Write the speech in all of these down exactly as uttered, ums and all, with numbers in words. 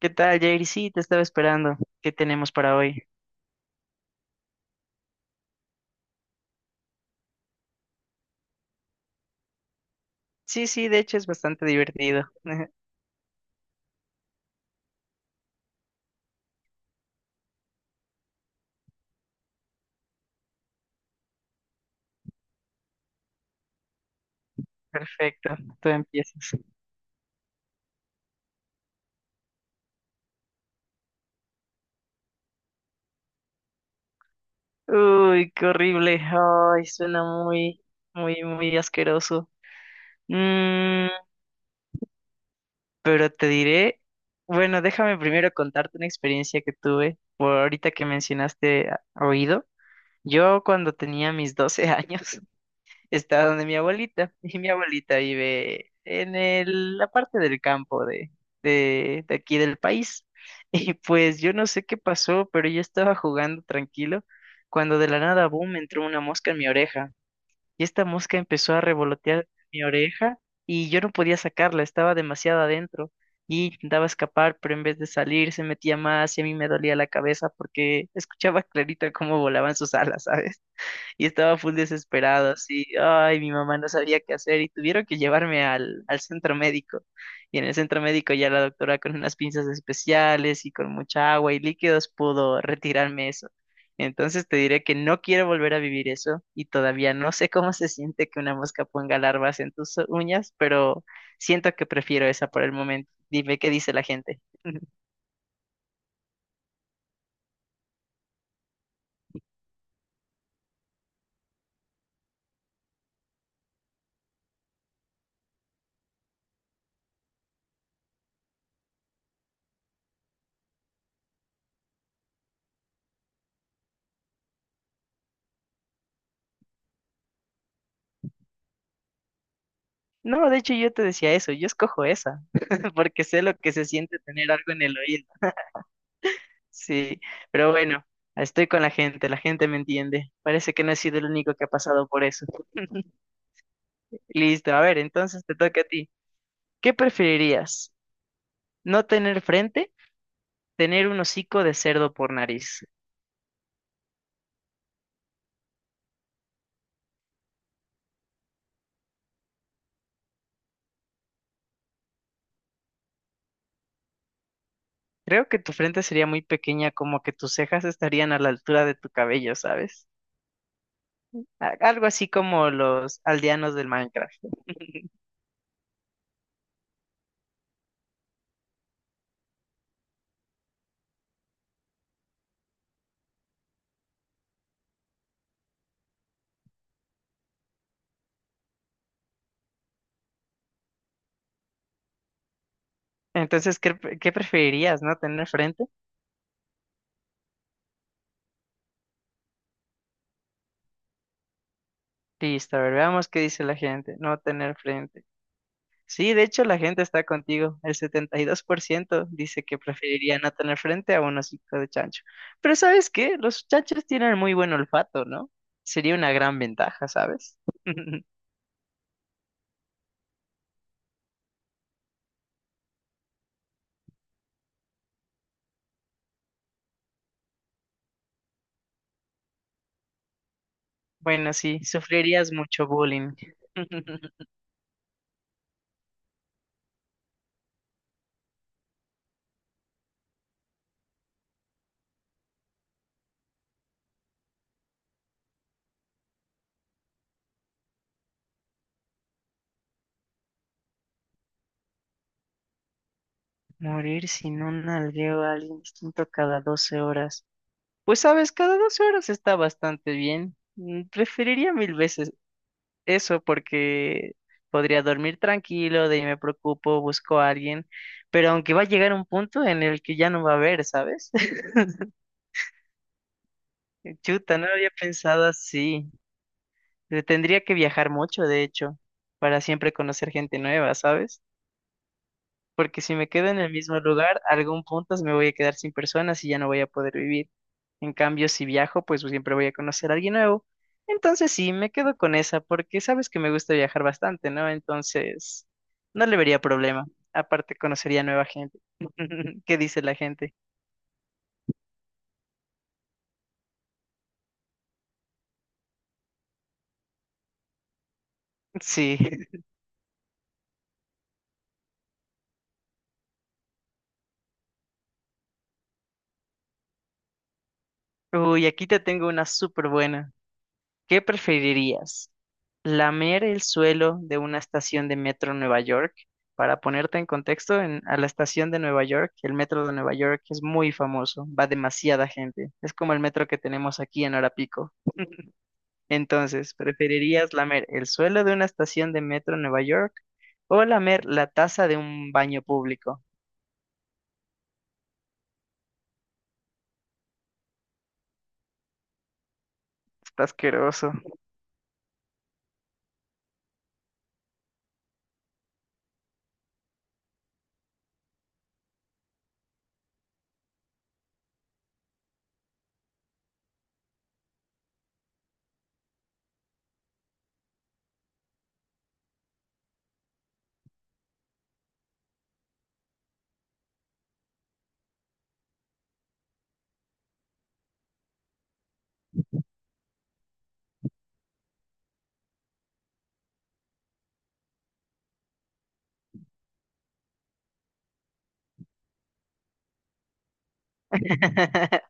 ¿Qué tal, Jair? Sí, te estaba esperando. ¿Qué tenemos para hoy? Sí, sí, de hecho es bastante divertido. Perfecto, tú empiezas. Uy, qué horrible. Ay, suena muy, muy, muy asqueroso. Mm, pero te diré, bueno, déjame primero contarte una experiencia que tuve por ahorita que mencionaste a- oído. Yo cuando tenía mis doce años, está donde mi abuelita, y mi abuelita vive en el, la parte del campo de, de, de aquí del país. Y pues yo no sé qué pasó, pero yo estaba jugando tranquilo cuando de la nada, boom, entró una mosca en mi oreja. Y esta mosca empezó a revolotear mi oreja y yo no podía sacarla, estaba demasiado adentro. Y intentaba escapar, pero en vez de salir se metía más y a mí me dolía la cabeza porque escuchaba clarito cómo volaban sus alas, ¿sabes? Y estaba full desesperado, así, ay, mi mamá no sabía qué hacer y tuvieron que llevarme al, al centro médico. Y en el centro médico ya la doctora con unas pinzas especiales y con mucha agua y líquidos pudo retirarme eso. Entonces te diré que no quiero volver a vivir eso y todavía no sé cómo se siente que una mosca ponga larvas en tus uñas, pero siento que prefiero esa por el momento. Dime qué dice la gente. No, de hecho yo te decía eso, yo escojo esa, porque sé lo que se siente tener algo en el oído. Sí, pero bueno, estoy con la gente, la gente me entiende. Parece que no he sido el único que ha pasado por eso. Listo, a ver, entonces te toca a ti. ¿Qué preferirías? ¿No tener frente? ¿Tener un hocico de cerdo por nariz? Creo que tu frente sería muy pequeña, como que tus cejas estarían a la altura de tu cabello, ¿sabes? A- Algo así como los aldeanos del Minecraft. Entonces, ¿qué, pre- ¿qué preferirías? ¿No tener frente? Listo, a ver, veamos qué dice la gente. No tener frente. Sí, de hecho la gente está contigo. El setenta y dos por ciento dice que preferiría no tener frente a un hocico de chancho. Pero ¿sabes qué? Los chanchos tienen muy buen olfato, ¿no? Sería una gran ventaja, ¿sabes? Bueno, sí, sufrirías mucho bullying. Morir si no nalgueo a alguien distinto cada doce horas. Pues sabes, cada doce horas está bastante bien. Mm, Preferiría mil veces eso porque podría dormir tranquilo, de ahí me preocupo, busco a alguien, pero aunque va a llegar un punto en el que ya no va a haber, ¿sabes? Chuta, no lo había pensado así. Eh, Tendría que viajar mucho, de hecho, para siempre conocer gente nueva, ¿sabes? Porque si me quedo en el mismo lugar, algún punto me voy a quedar sin personas y ya no voy a poder vivir. En cambio, si viajo, pues pues, siempre voy a conocer a alguien nuevo. Entonces sí, me quedo con esa, porque sabes que me gusta viajar bastante, ¿no? Entonces, no le vería problema. Aparte, conocería nueva gente. ¿Qué dice la gente? Sí. Uy, aquí te tengo una súper buena. ¿Qué preferirías? ¿Lamer el suelo de una estación de metro en Nueva York? Para ponerte en contexto, en, a la estación de Nueva York, el metro de Nueva York es muy famoso, va demasiada gente, es como el metro que tenemos aquí en hora pico. Entonces, ¿preferirías lamer el suelo de una estación de metro en Nueva York o lamer la taza de un baño público? Está asqueroso.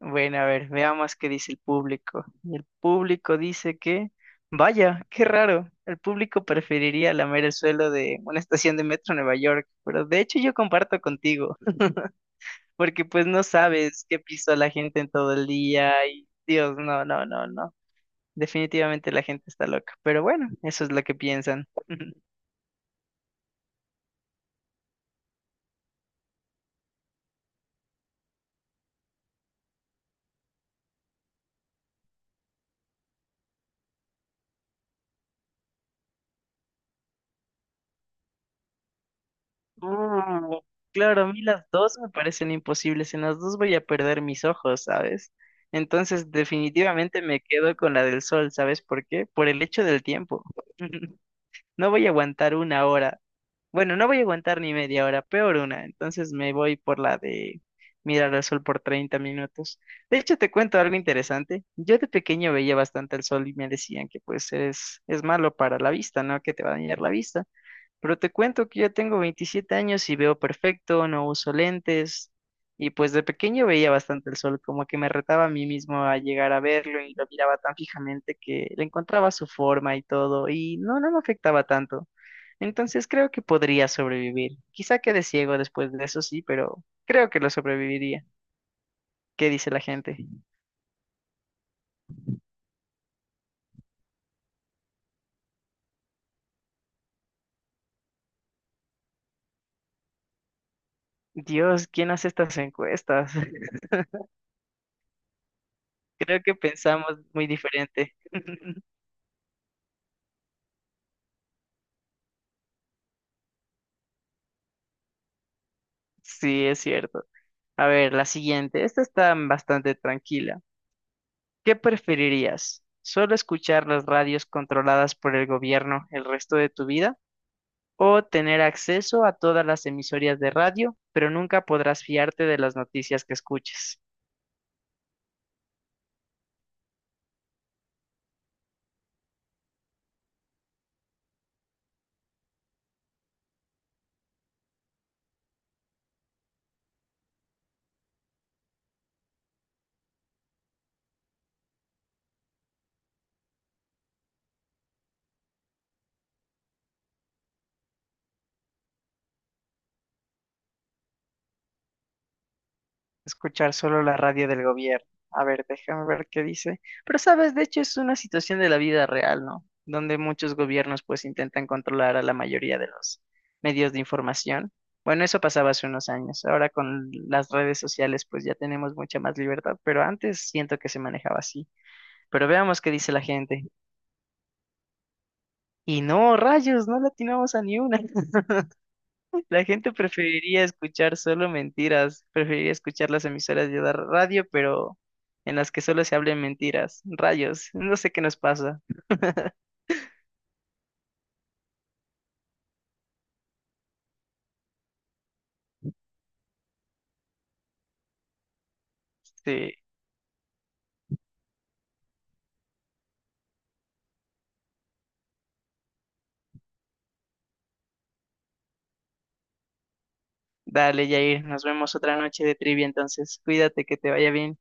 Bueno, a ver, veamos qué dice el público. Y el público dice que, vaya, qué raro. El público preferiría lamer el suelo de una estación de metro en Nueva York, pero de hecho yo comparto contigo, porque pues no sabes qué pisó la gente en todo el día y Dios, no, no, no, no. Definitivamente la gente está loca, pero bueno, eso es lo que piensan. Uh, claro, a mí las dos me parecen imposibles, en las dos voy a perder mis ojos, ¿sabes? Entonces, definitivamente me quedo con la del sol, ¿sabes por qué? Por el hecho del tiempo. No voy a aguantar una hora. Bueno, no voy a aguantar ni media hora, peor una. Entonces me voy por la de mirar al sol por treinta minutos. De hecho, te cuento algo interesante. Yo de pequeño veía bastante el sol y me decían que pues es, es malo para la vista, ¿no? Que te va a dañar la vista. Pero te cuento que ya tengo veintisiete años y veo perfecto, no uso lentes. Y pues de pequeño veía bastante el sol, como que me retaba a mí mismo a llegar a verlo y lo miraba tan fijamente que le encontraba su forma y todo, y no, no me afectaba tanto. Entonces creo que podría sobrevivir. Quizá quede ciego después de eso, sí, pero creo que lo sobreviviría. ¿Qué dice la gente? Dios, ¿quién hace estas encuestas? Creo que pensamos muy diferente. Sí, es cierto. A ver, la siguiente. Esta está bastante tranquila. ¿Qué preferirías? ¿Solo escuchar las radios controladas por el gobierno el resto de tu vida? ¿O tener acceso a todas las emisoras de radio, pero nunca podrás fiarte de las noticias que escuches? Escuchar solo la radio del gobierno. A ver, déjame ver qué dice. Pero sabes, de hecho es una situación de la vida real, ¿no? Donde muchos gobiernos pues intentan controlar a la mayoría de los medios de información. Bueno, eso pasaba hace unos años. Ahora con las redes sociales pues ya tenemos mucha más libertad, pero antes siento que se manejaba así. Pero veamos qué dice la gente. Y no, rayos, no latinamos a ni una. La gente preferiría escuchar solo mentiras, preferiría escuchar las emisoras de la radio, pero en las que solo se hablen mentiras. Rayos, no sé qué nos pasa. Sí, dale, Jair, nos vemos otra noche de trivia entonces. Cuídate, que te vaya bien.